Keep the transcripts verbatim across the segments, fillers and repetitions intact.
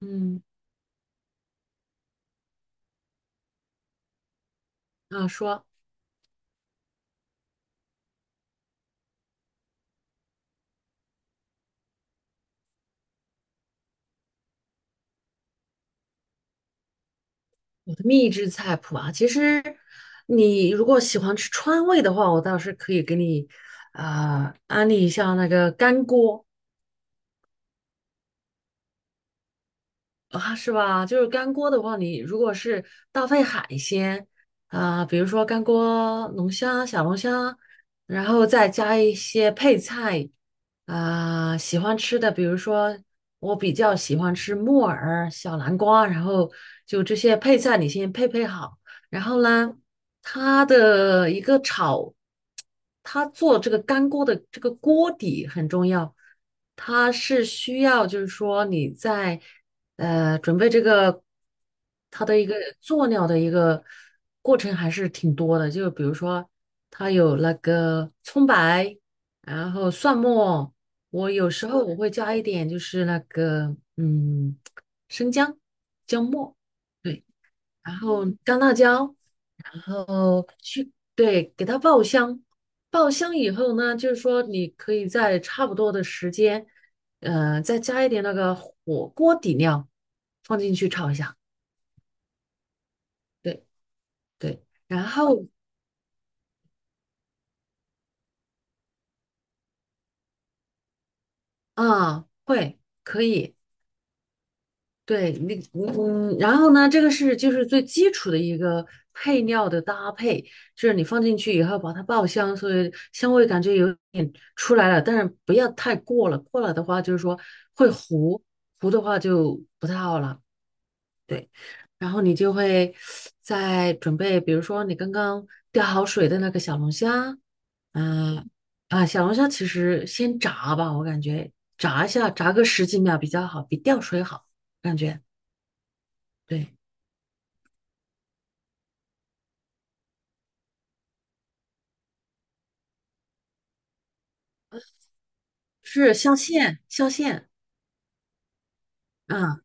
嗯，啊，说我的秘制菜谱啊，其实你如果喜欢吃川味的话，我倒是可以给你啊、呃安利一下那个干锅啊，是吧？就是干锅的话，你如果是搭配海鲜啊、比如说干锅龙虾、小龙虾，然后再加一些配菜啊、喜欢吃的，比如说我比较喜欢吃木耳、小南瓜，然后就这些配菜你先配配好。然后呢，它的一个炒，它做这个干锅的这个锅底很重要，它是需要就是说你在呃准备这个它的一个做料的一个过程还是挺多的，就比如说它有那个葱白，然后蒜末，我有时候我会加一点就是那个嗯生姜姜末。对，然后干辣椒，然后去，对，给它爆香，爆香以后呢，就是说你可以在差不多的时间，呃，再加一点那个火锅底料放进去炒一下，对对，然后啊，会可以，对，那嗯，然后呢，这个是就是最基础的一个配料的搭配，就是你放进去以后把它爆香，所以香味感觉有点出来了，但是不要太过了，过了的话就是说会糊，糊的话就不太好了。对，然后你就会再准备，比如说你刚刚吊好水的那个小龙虾，嗯啊，小龙虾其实先炸吧，我感觉炸一下，炸个十几秒比较好，比吊水好，感觉。对，是镶嵌，镶嵌，嗯，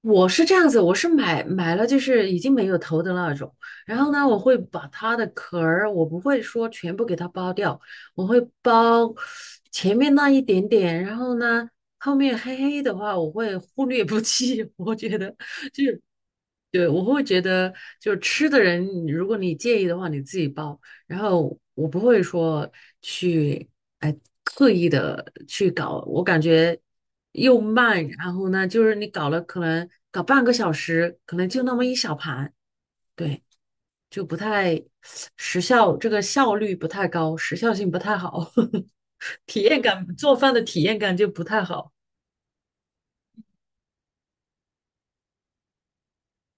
我是这样子，我是买买了就是已经没有头的那种，然后呢，我会把它的壳儿，我不会说全部给它剥掉，我会剥前面那一点点，然后呢，后面黑黑的话，我会忽略不计，我觉得对，我会觉得，就是吃的人，如果你介意的话，你自己包。然后我不会说去，哎，刻意的去搞。我感觉又慢，然后呢，就是你搞了可能搞半个小时，可能就那么一小盘，对，就不太时效，这个效率不太高，时效性不太好，体验感，做饭的体验感就不太好。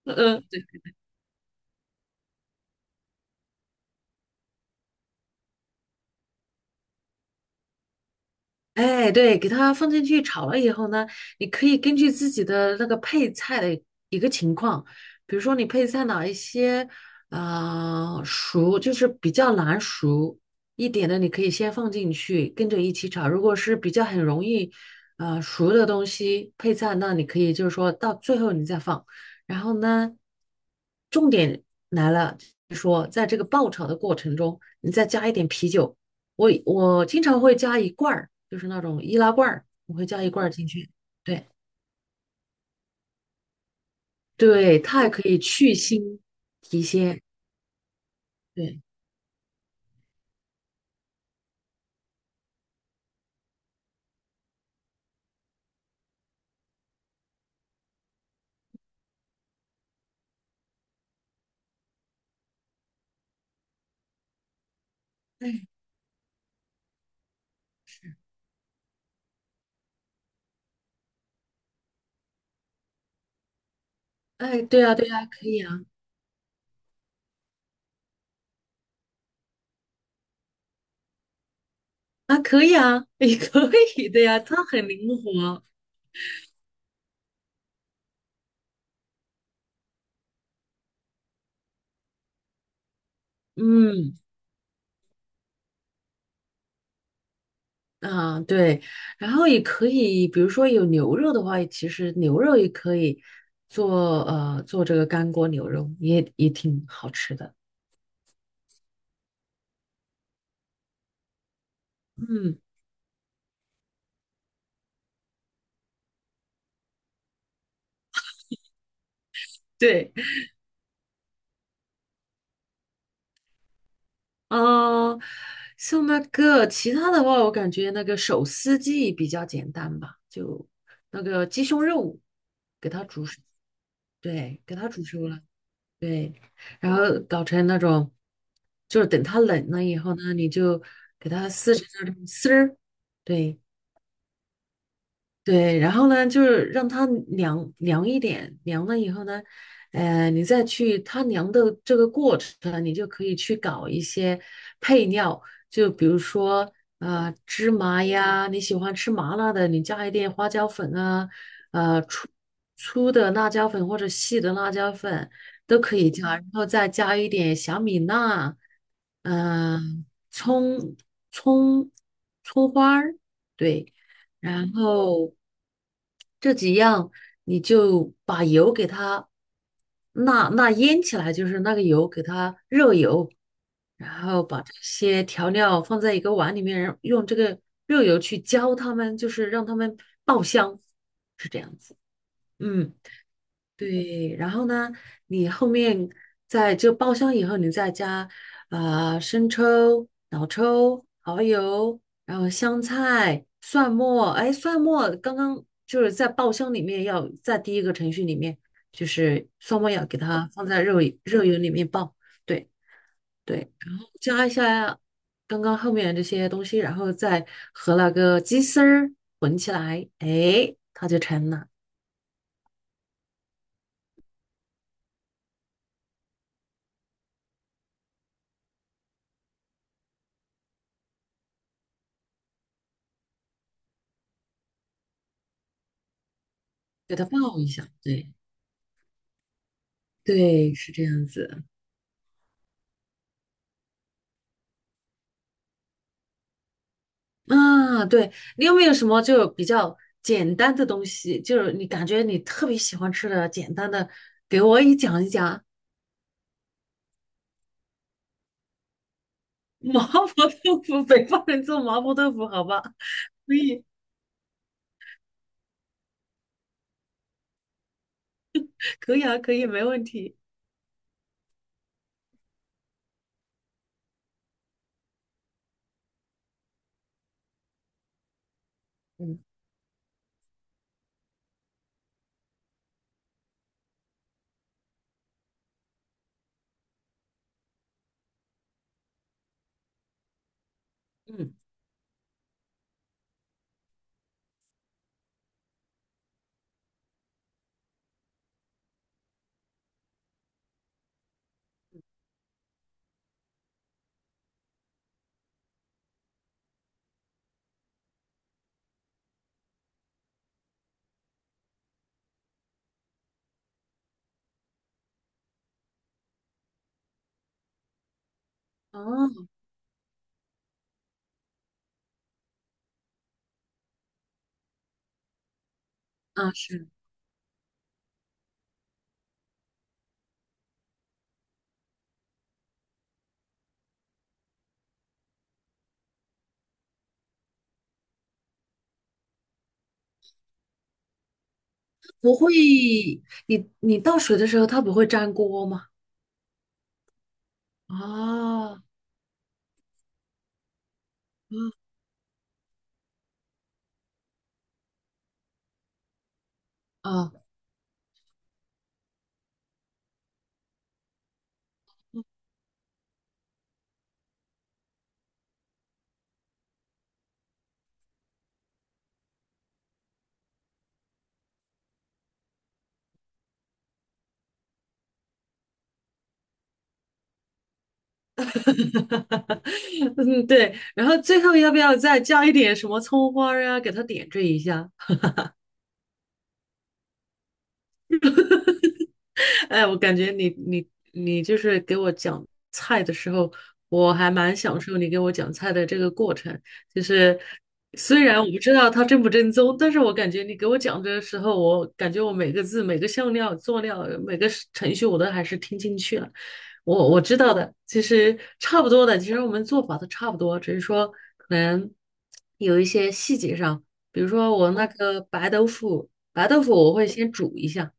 嗯哎，对，给它放进去炒了以后呢，你可以根据自己的那个配菜的一个情况，比如说你配菜哪一些，啊熟就是比较难熟一点的，你可以先放进去跟着一起炒。如果是比较很容易，啊熟的东西配菜，那你可以就是说到最后你再放。然后呢，重点来了，就是说在这个爆炒的过程中，你再加一点啤酒。我我经常会加一罐儿，就是那种易拉罐儿，我会加一罐儿进去。对对，它还可以去腥提鲜。对，哎哎，对呀对呀，可以啊啊，可以啊，也 可以的呀，它很灵活。嗯啊，对，然后也可以，比如说有牛肉的话，其实牛肉也可以做呃做这个干锅牛肉，也也挺好吃的。嗯，对。嗯，像那个其他的话，我感觉那个手撕鸡比较简单吧，就那个鸡胸肉给它煮熟，对，给它煮熟了，对，然后搞成那种，就是等它冷了以后呢，你就给它撕成那种丝儿，对，对，然后呢，就是让它凉凉一点，凉了以后呢，呃，你再去它凉的这个过程，你就可以去搞一些配料，就比如说呃芝麻呀，你喜欢吃麻辣的，你加一点花椒粉啊，呃粗粗的辣椒粉或者细的辣椒粉都可以加，然后再加一点小米辣，嗯、葱葱葱花儿，对。然后这几样你就把油给它那那腌起来，就是那个油给它热油，然后把这些调料放在一个碗里面，然后用这个热油去浇它们，就是让它们爆香，是这样子。嗯。对，然后呢，你后面在这爆香以后，你再加啊、生抽、老抽、蚝油，然后香菜、蒜末。哎，蒜末刚刚就是在爆香里面要在第一个程序里面，就是蒜末要给它放在肉肉油里面爆。对对，然后加一下刚刚后面这些东西，然后再和那个鸡丝儿混起来，哎，它就成了，给它爆一下。对。对，是这样子。啊，对，你有没有什么就比较简单的东西，就是你感觉你特别喜欢吃的简单的，给我也讲一讲。麻婆豆腐，北方人做麻婆豆腐，好吧？可以，可以啊，可以，没问题。嗯嗯，哦，啊是，不会，你你倒水的时候它不会粘锅吗？啊啊啊，嗯对，然后最后要不要再加一点什么葱花呀，给它点缀一下？哎，我感觉你你你就是给我讲菜的时候，我还蛮享受你给我讲菜的这个过程。就是虽然我不知道它正不正宗，但是我感觉你给我讲的时候，我感觉我每个字、每个香料、佐料、每个是程序，我都还是听进去了。我我知道的，其实差不多的，其实我们做法都差不多，只是说可能有一些细节上，比如说我那个白豆腐，白豆腐我会先煮一下。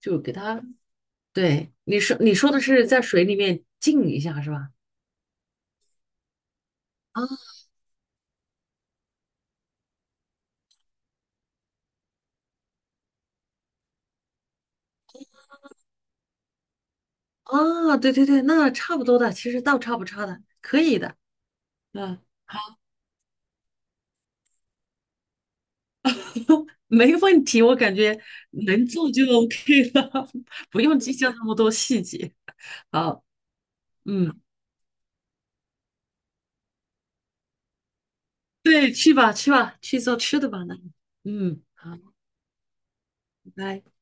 就给它对，你说你说的是在水里面浸一下是吧？啊啊，对对对，那差不多的，其实倒差不差的，可以的，嗯，好，没问题，我感觉能做就 OK 了，不用计较那么多细节。好，嗯，对，去吧去吧，去做吃的吧，那，嗯，好，拜拜。